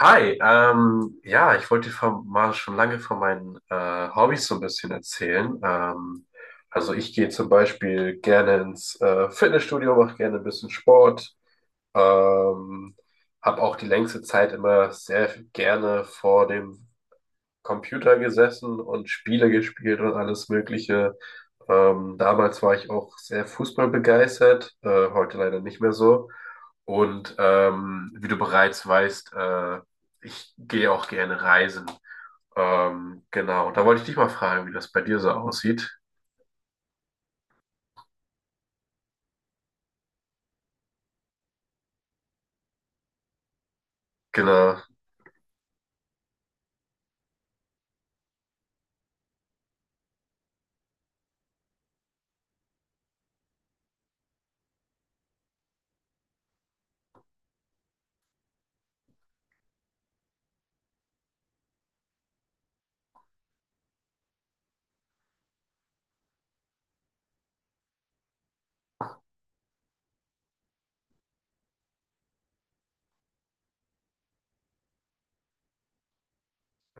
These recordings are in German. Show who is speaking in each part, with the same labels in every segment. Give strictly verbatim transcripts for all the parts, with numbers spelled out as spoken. Speaker 1: Hi, ähm, ja, ich wollte dir von, mal schon lange von meinen äh, Hobbys so ein bisschen erzählen. Ähm, also ich gehe zum Beispiel gerne ins äh, Fitnessstudio, mache gerne ein bisschen Sport, ähm, habe auch die längste Zeit immer sehr gerne vor dem Computer gesessen und Spiele gespielt und alles Mögliche. Ähm, damals war ich auch sehr fußballbegeistert, äh, heute leider nicht mehr so. Und ähm, wie du bereits weißt, äh, ich gehe auch gerne reisen. Ähm, genau, da wollte ich dich mal fragen, wie das bei dir so aussieht. Genau,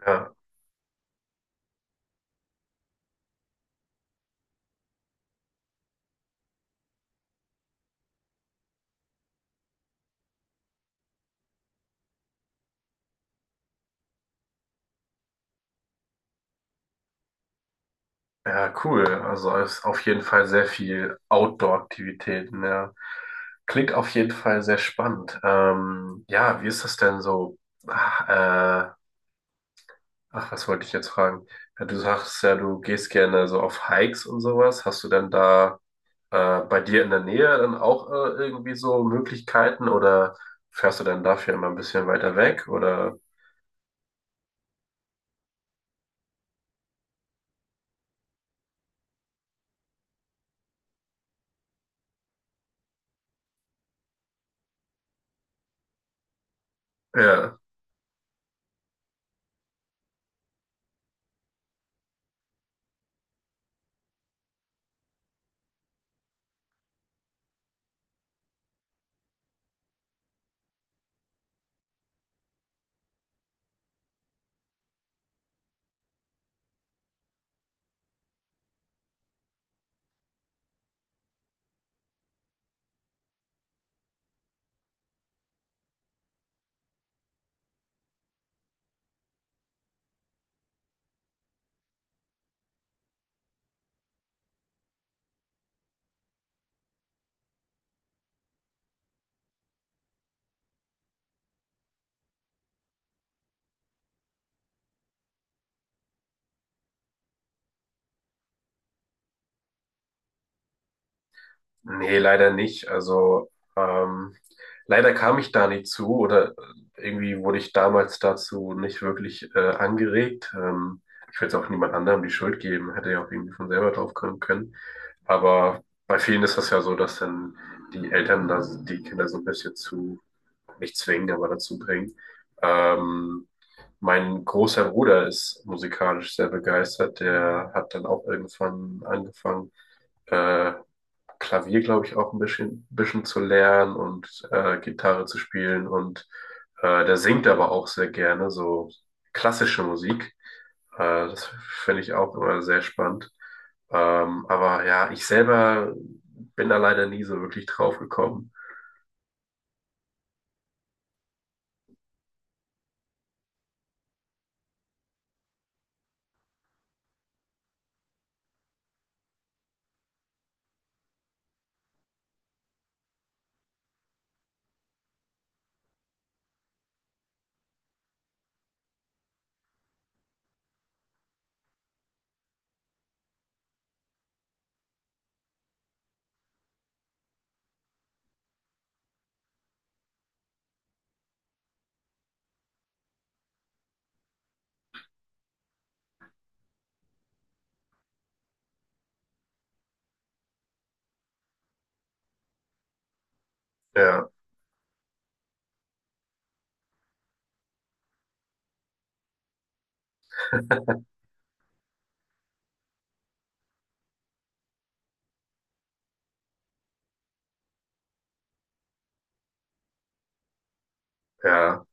Speaker 1: ja. Ja, cool. Also es ist auf jeden Fall sehr viel Outdoor-Aktivitäten. Ja. Klingt auf jeden Fall sehr spannend. Ähm, ja, wie ist das denn so? Ach, äh, ach, was wollte ich jetzt fragen? Ja, du sagst ja, du gehst gerne so auf Hikes und sowas. Hast du denn da äh, bei dir in der Nähe dann auch äh, irgendwie so Möglichkeiten oder fährst du dann dafür immer ein bisschen weiter weg? Oder ja. Nee, leider nicht. Also ähm, leider kam ich da nicht zu oder irgendwie wurde ich damals dazu nicht wirklich äh, angeregt. Ähm, ich will jetzt auch niemand anderem die Schuld geben, hätte ja auch irgendwie von selber drauf kommen können. Aber bei vielen ist das ja so, dass dann die Eltern da die Kinder so ein bisschen zu, nicht zwingen, aber dazu bringen. Ähm, mein großer Bruder ist musikalisch sehr begeistert. Der hat dann auch irgendwann angefangen. äh, Klavier, glaube ich, auch ein bisschen, bisschen zu lernen und äh, Gitarre zu spielen. Und äh, der singt aber auch sehr gerne so klassische Musik. Äh, das finde ich auch immer sehr spannend. Ähm, aber ja, ich selber bin da leider nie so wirklich drauf gekommen. Ja, ja.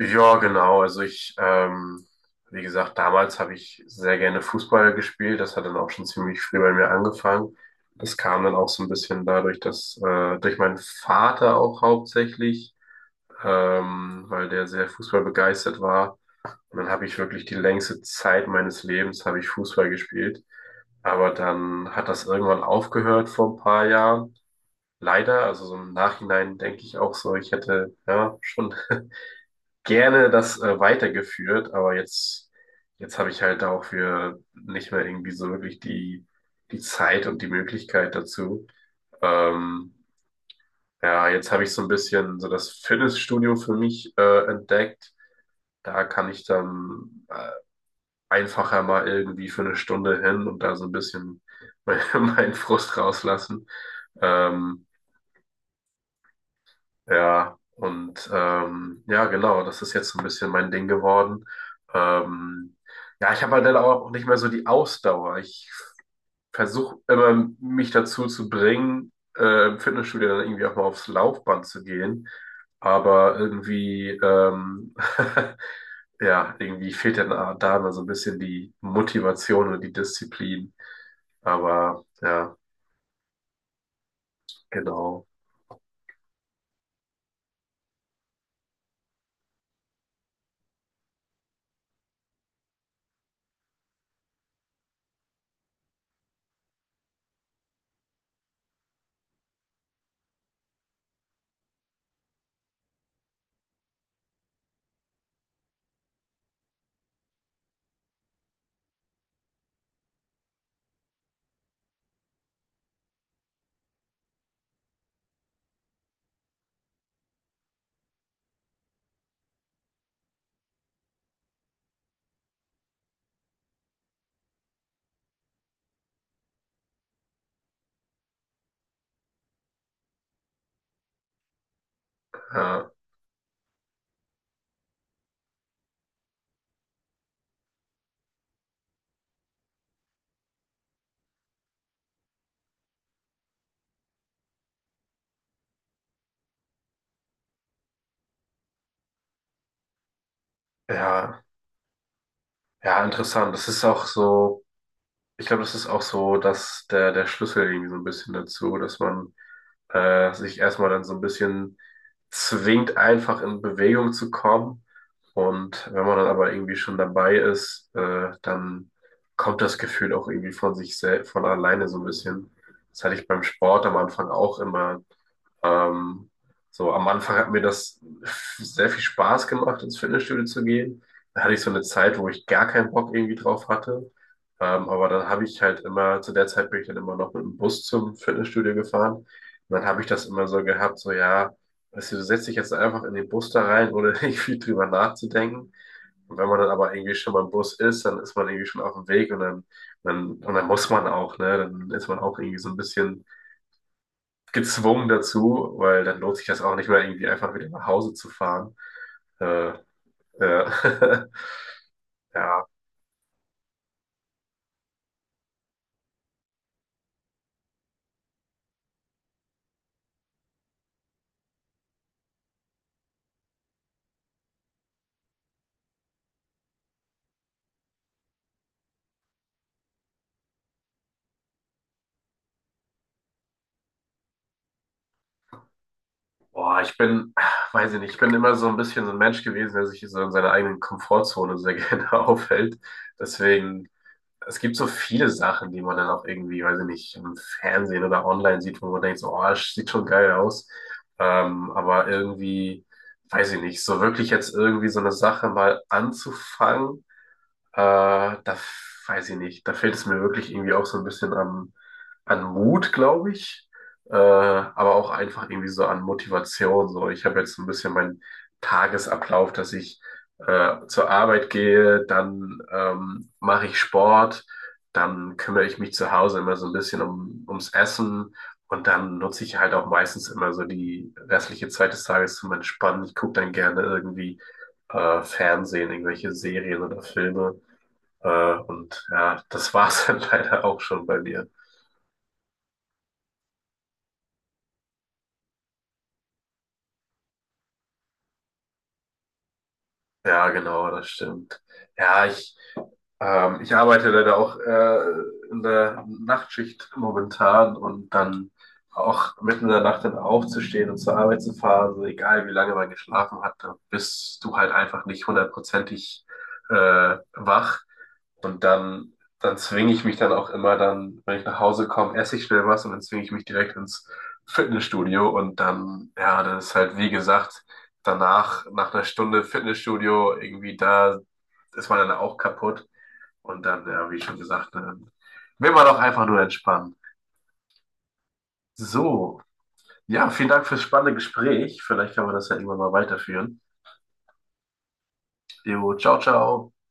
Speaker 1: Ja, genau. Also ich, ähm, wie gesagt, damals habe ich sehr gerne Fußball gespielt. Das hat dann auch schon ziemlich früh bei mir angefangen. Das kam dann auch so ein bisschen dadurch, dass äh, durch meinen Vater auch hauptsächlich, ähm, weil der sehr Fußball begeistert war. Und dann habe ich wirklich die längste Zeit meines Lebens habe ich Fußball gespielt. Aber dann hat das irgendwann aufgehört vor ein paar Jahren. Leider, also so im Nachhinein denke ich auch so, ich hätte ja schon gerne das äh, weitergeführt, aber jetzt, jetzt habe ich halt dafür nicht mehr irgendwie so wirklich die, die Zeit und die Möglichkeit dazu. Ähm, ja, jetzt habe ich so ein bisschen so das Fitnessstudio für mich äh, entdeckt. Da kann ich dann äh, einfacher mal irgendwie für eine Stunde hin und da so ein bisschen mein- meinen Frust rauslassen. Ähm, Ja, und ähm, ja, genau, das ist jetzt so ein bisschen mein Ding geworden. Ähm, ja, ich habe halt dann auch nicht mehr so die Ausdauer. Ich versuche immer, mich dazu zu bringen, äh, im Fitnessstudio dann irgendwie auch mal aufs Laufband zu gehen. Aber irgendwie, ähm, ja, irgendwie fehlt dann da immer so ein bisschen die Motivation und die Disziplin. Aber ja, genau. Äh, ja, ja, interessant. Das ist auch so. Ich glaube, das ist auch so, dass der, der Schlüssel irgendwie so ein bisschen dazu, dass man äh, sich erstmal dann so ein bisschen zwingt, einfach in Bewegung zu kommen. Und wenn man dann aber irgendwie schon dabei ist, äh, dann kommt das Gefühl auch irgendwie von sich selbst, von alleine so ein bisschen. Das hatte ich beim Sport am Anfang auch immer. Ähm, so am Anfang hat mir das sehr viel Spaß gemacht, ins Fitnessstudio zu gehen. Da hatte ich so eine Zeit, wo ich gar keinen Bock irgendwie drauf hatte. Ähm, aber dann habe ich halt immer, zu der Zeit bin ich dann immer noch mit dem Bus zum Fitnessstudio gefahren. Und dann habe ich das immer so gehabt, so ja, weißt du, du setzt dich jetzt einfach in den Bus da rein, ohne irgendwie drüber nachzudenken. Und wenn man dann aber irgendwie schon beim Bus ist, dann ist man irgendwie schon auf dem Weg und dann, dann, und dann muss man auch, ne? Dann ist man auch irgendwie so ein bisschen gezwungen dazu, weil dann lohnt sich das auch nicht mehr, irgendwie einfach wieder nach Hause zu fahren. Äh, äh, ja, boah, ich bin, weiß ich nicht, ich bin immer so ein bisschen so ein Mensch gewesen, der sich so in seiner eigenen Komfortzone sehr gerne aufhält. Deswegen, es gibt so viele Sachen, die man dann auch irgendwie, weiß ich nicht, im Fernsehen oder online sieht, wo man denkt, so, oh, das sieht schon geil aus. Ähm, aber irgendwie, weiß ich nicht, so wirklich jetzt irgendwie so eine Sache mal anzufangen. Äh, da f- weiß ich nicht. Da fehlt es mir wirklich irgendwie auch so ein bisschen an, an Mut, glaube ich. Äh, aber auch einfach irgendwie so an Motivation. So, ich habe jetzt so ein bisschen meinen Tagesablauf, dass ich äh, zur Arbeit gehe, dann ähm, mache ich Sport, dann kümmere ich mich zu Hause immer so ein bisschen um, ums Essen und dann nutze ich halt auch meistens immer so die restliche Zeit des Tages zum Entspannen. Ich gucke dann gerne irgendwie äh, Fernsehen, irgendwelche Serien oder Filme. Äh, und ja, das war's dann leider auch schon bei mir. Ja, genau, das stimmt. Ja, ich, ähm, ich arbeite leider auch äh, in der Nachtschicht momentan und dann auch mitten in der Nacht dann aufzustehen und zur Arbeit zu fahren, so egal wie lange man geschlafen hat, da bist du halt einfach nicht hundertprozentig äh, wach. Und dann, dann zwinge ich mich dann auch immer dann, wenn ich nach Hause komme, esse ich schnell was und dann zwinge ich mich direkt ins Fitnessstudio und dann, ja, das ist halt wie gesagt, danach, nach einer Stunde Fitnessstudio, irgendwie da ist man dann auch kaputt und dann, ja, wie schon gesagt, dann will man doch einfach nur entspannen. So, ja, vielen Dank fürs spannende Gespräch. Vielleicht kann man das ja irgendwann mal weiterführen. Jo, ciao, ciao.